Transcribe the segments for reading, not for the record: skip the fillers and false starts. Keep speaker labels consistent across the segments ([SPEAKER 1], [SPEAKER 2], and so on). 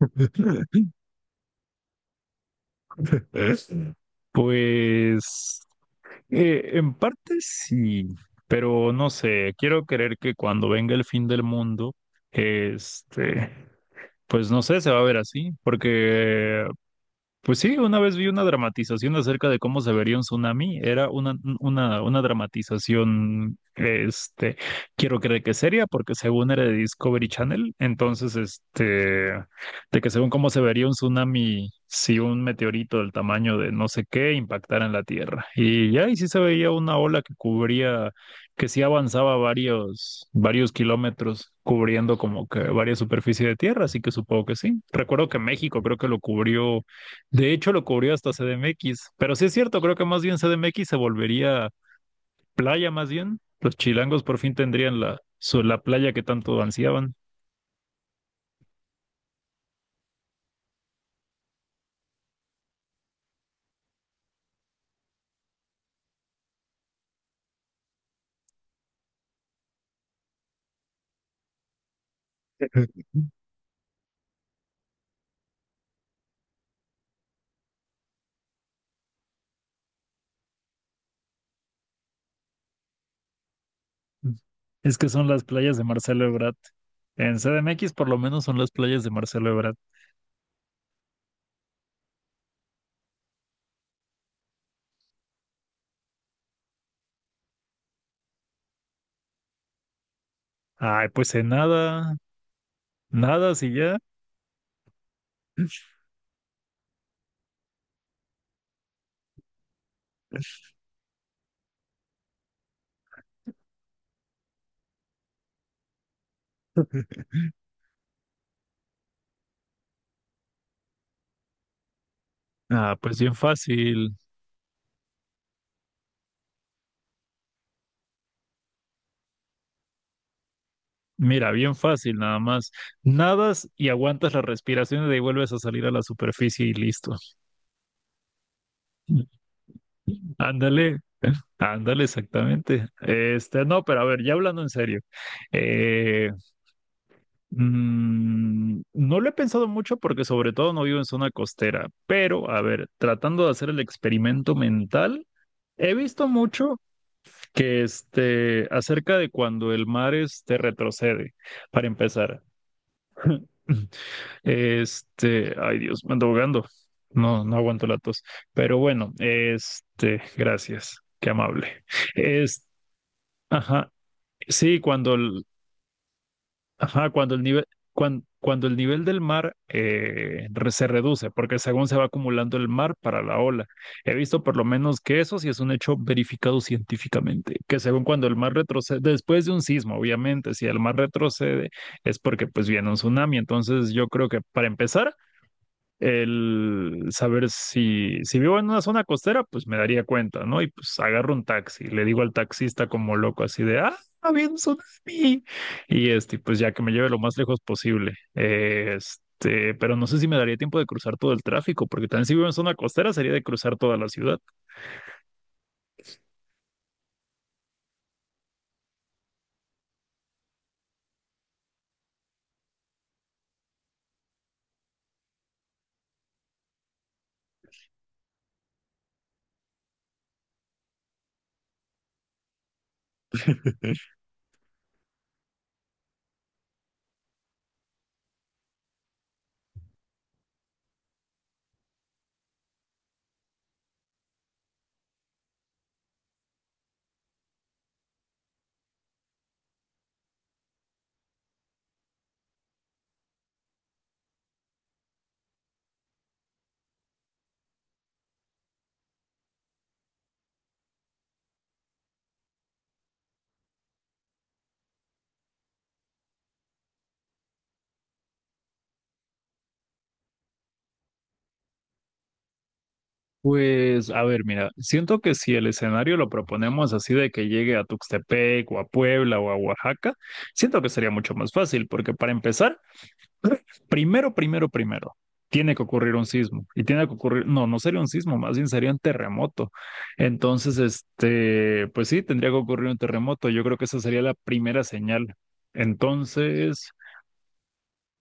[SPEAKER 1] Pues en parte sí, pero no sé, quiero creer que cuando venga el fin del mundo, este, pues no sé, se va a ver así, porque pues sí, una vez vi una dramatización acerca de cómo se vería un tsunami. Era una dramatización, quiero creer que seria, porque según era de Discovery Channel, entonces, de que según cómo se vería un tsunami si un meteorito del tamaño de no sé qué impactara en la Tierra. Y ya, y sí se veía una ola que cubría, que sí avanzaba varios kilómetros, cubriendo como que varias superficie de Tierra, así que supongo que sí. Recuerdo que México creo que lo cubrió de hecho, lo cubrió hasta CDMX, pero sí es cierto, creo que más bien CDMX se volvería playa más bien. Los chilangos por fin tendrían la playa que tanto ansiaban. Es que son las playas de Marcelo Ebrard. En CDMX por lo menos son las playas de Marcelo Ebrard. Ay, pues en nada, nada si ya. Ah, pues bien fácil. Mira, bien fácil nada más. Nadas y aguantas las respiraciones y de ahí vuelves a salir a la superficie y listo. Ándale, Ándale, exactamente. No, pero a ver, ya hablando en serio, eh, no lo he pensado mucho porque sobre todo no vivo en zona costera, pero a ver, tratando de hacer el experimento mental, he visto mucho que acerca de cuando el mar este retrocede, para empezar. Ay Dios, me ando ahogando. No, no aguanto la tos. Pero bueno, gracias, qué amable. Este, Ajá, sí, cuando el, ajá, cuando el nivel, cuando el nivel del mar se reduce, porque según se va acumulando el mar para la ola. He visto por lo menos que eso sí es un hecho verificado científicamente, que según cuando el mar retrocede, después de un sismo, obviamente, si el mar retrocede es porque pues viene un tsunami. Entonces yo creo que para empezar el saber si vivo en una zona costera, pues me daría cuenta, ¿no? Y pues agarro un taxi, le digo al taxista como loco así de, ah, había un tsunami. Y pues ya que me lleve lo más lejos posible. Pero no sé si me daría tiempo de cruzar todo el tráfico, porque también si vivo en zona costera sería de cruzar toda la ciudad. Pues, a ver, mira, siento que si el escenario lo proponemos así de que llegue a Tuxtepec o a Puebla o a Oaxaca, siento que sería mucho más fácil, porque para empezar, primero, tiene que ocurrir un sismo y tiene que ocurrir, no, no sería un sismo, más bien sería un terremoto. Entonces, pues sí, tendría que ocurrir un terremoto. Yo creo que esa sería la primera señal. Entonces,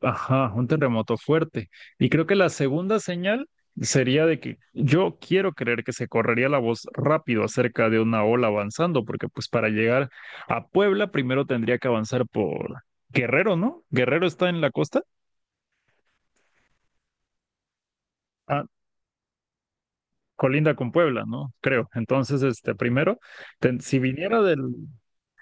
[SPEAKER 1] ajá, un terremoto fuerte. Y creo que la segunda señal sería de que yo quiero creer que se correría la voz rápido acerca de una ola avanzando, porque pues para llegar a Puebla primero tendría que avanzar por Guerrero, ¿no? Guerrero está en la costa. Colinda con Puebla, ¿no? Creo. Entonces, primero, ten- si viniera del,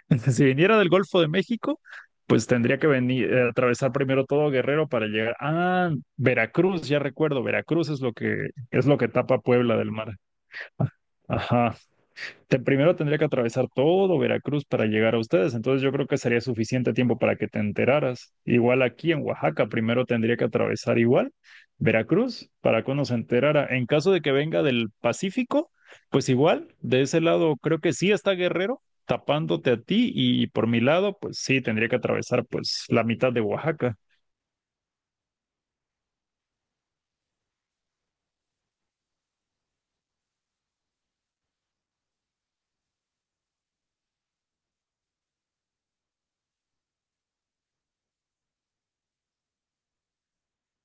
[SPEAKER 1] si viniera del Golfo de México, pues tendría que venir, atravesar primero todo Guerrero para llegar. Ah, Veracruz, ya recuerdo, Veracruz es es lo que tapa Puebla del mar. Ajá. Primero tendría que atravesar todo Veracruz para llegar a ustedes, entonces yo creo que sería suficiente tiempo para que te enteraras. Igual aquí en Oaxaca, primero tendría que atravesar igual Veracruz para que uno se enterara. En caso de que venga del Pacífico, pues igual, de ese lado creo que sí está Guerrero tapándote a ti y por mi lado, pues sí, tendría que atravesar pues la mitad de Oaxaca.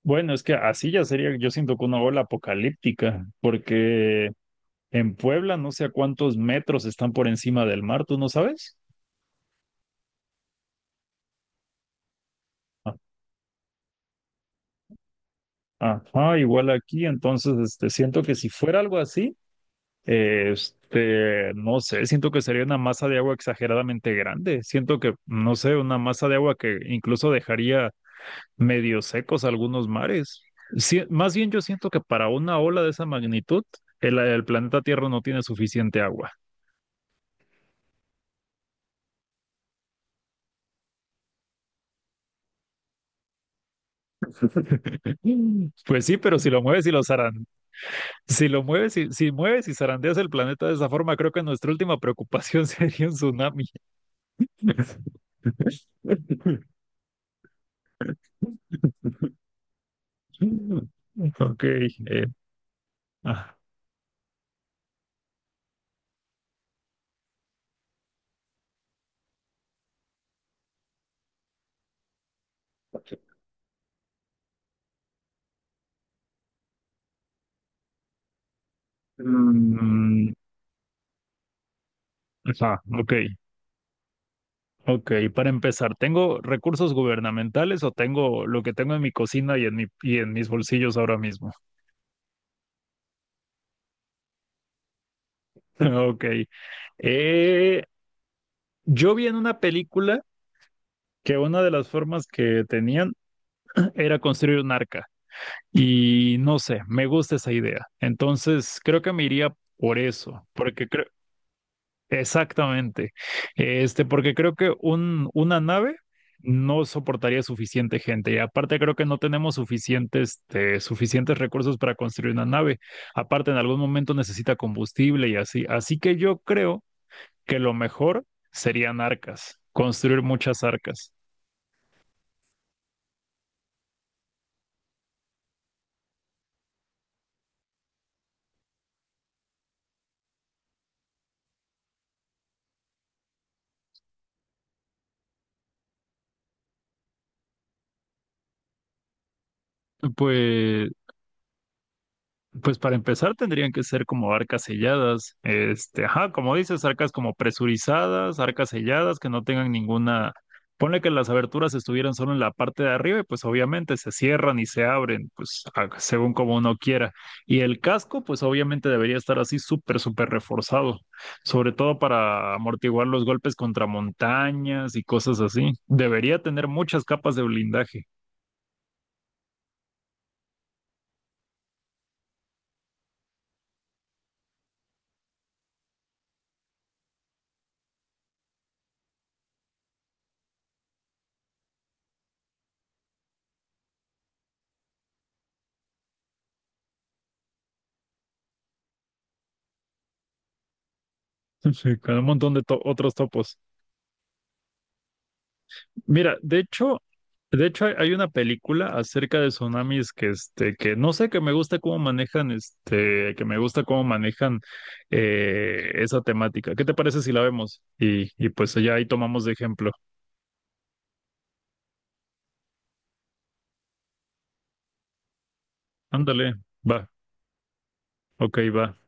[SPEAKER 1] Bueno, es que así ya sería, yo siento que una ola apocalíptica, porque en Puebla, no sé a cuántos metros están por encima del mar, ¿tú no sabes? Ah, ajá, igual aquí, entonces, siento que si fuera algo así, no sé, siento que sería una masa de agua exageradamente grande. Siento que, no sé, una masa de agua que incluso dejaría medio secos algunos mares. Sí, más bien yo siento que para una ola de esa magnitud, el planeta Tierra no tiene suficiente agua. Pues sí, pero si lo mueves y lo zarandeas. Si lo mueves y si mueves y zarandeas el planeta de esa forma, creo que nuestra última preocupación sería un tsunami. Ok. eh, ah, mm, ajá, ok. Ok, para empezar, ¿tengo recursos gubernamentales o tengo lo que tengo en mi cocina y en y en mis bolsillos ahora mismo? Ok. Eh, yo vi en una película que una de las formas que tenían era construir un arca. Y no sé, me gusta esa idea. Entonces, creo que me iría por eso, porque creo, exactamente, porque creo que una nave no soportaría suficiente gente. Y aparte, creo que no tenemos suficientes, suficientes recursos para construir una nave. Aparte, en algún momento necesita combustible y así. Así que yo creo que lo mejor serían arcas, construir muchas arcas. Pues pues para empezar tendrían que ser como arcas selladas, ajá, como dices, arcas como presurizadas, arcas selladas que no tengan ninguna, ponle que las aberturas estuvieran solo en la parte de arriba y pues obviamente se cierran y se abren, según como uno quiera. Y el casco pues obviamente debería estar así súper reforzado, sobre todo para amortiguar los golpes contra montañas y cosas así. Debería tener muchas capas de blindaje, con un montón de otros topos. Mira, de hecho hay una película acerca de tsunamis que no sé, que me gusta cómo manejan, que me gusta cómo manejan esa temática. ¿Qué te parece si la vemos? Y pues allá ahí tomamos de ejemplo. Ándale, va, ok, va.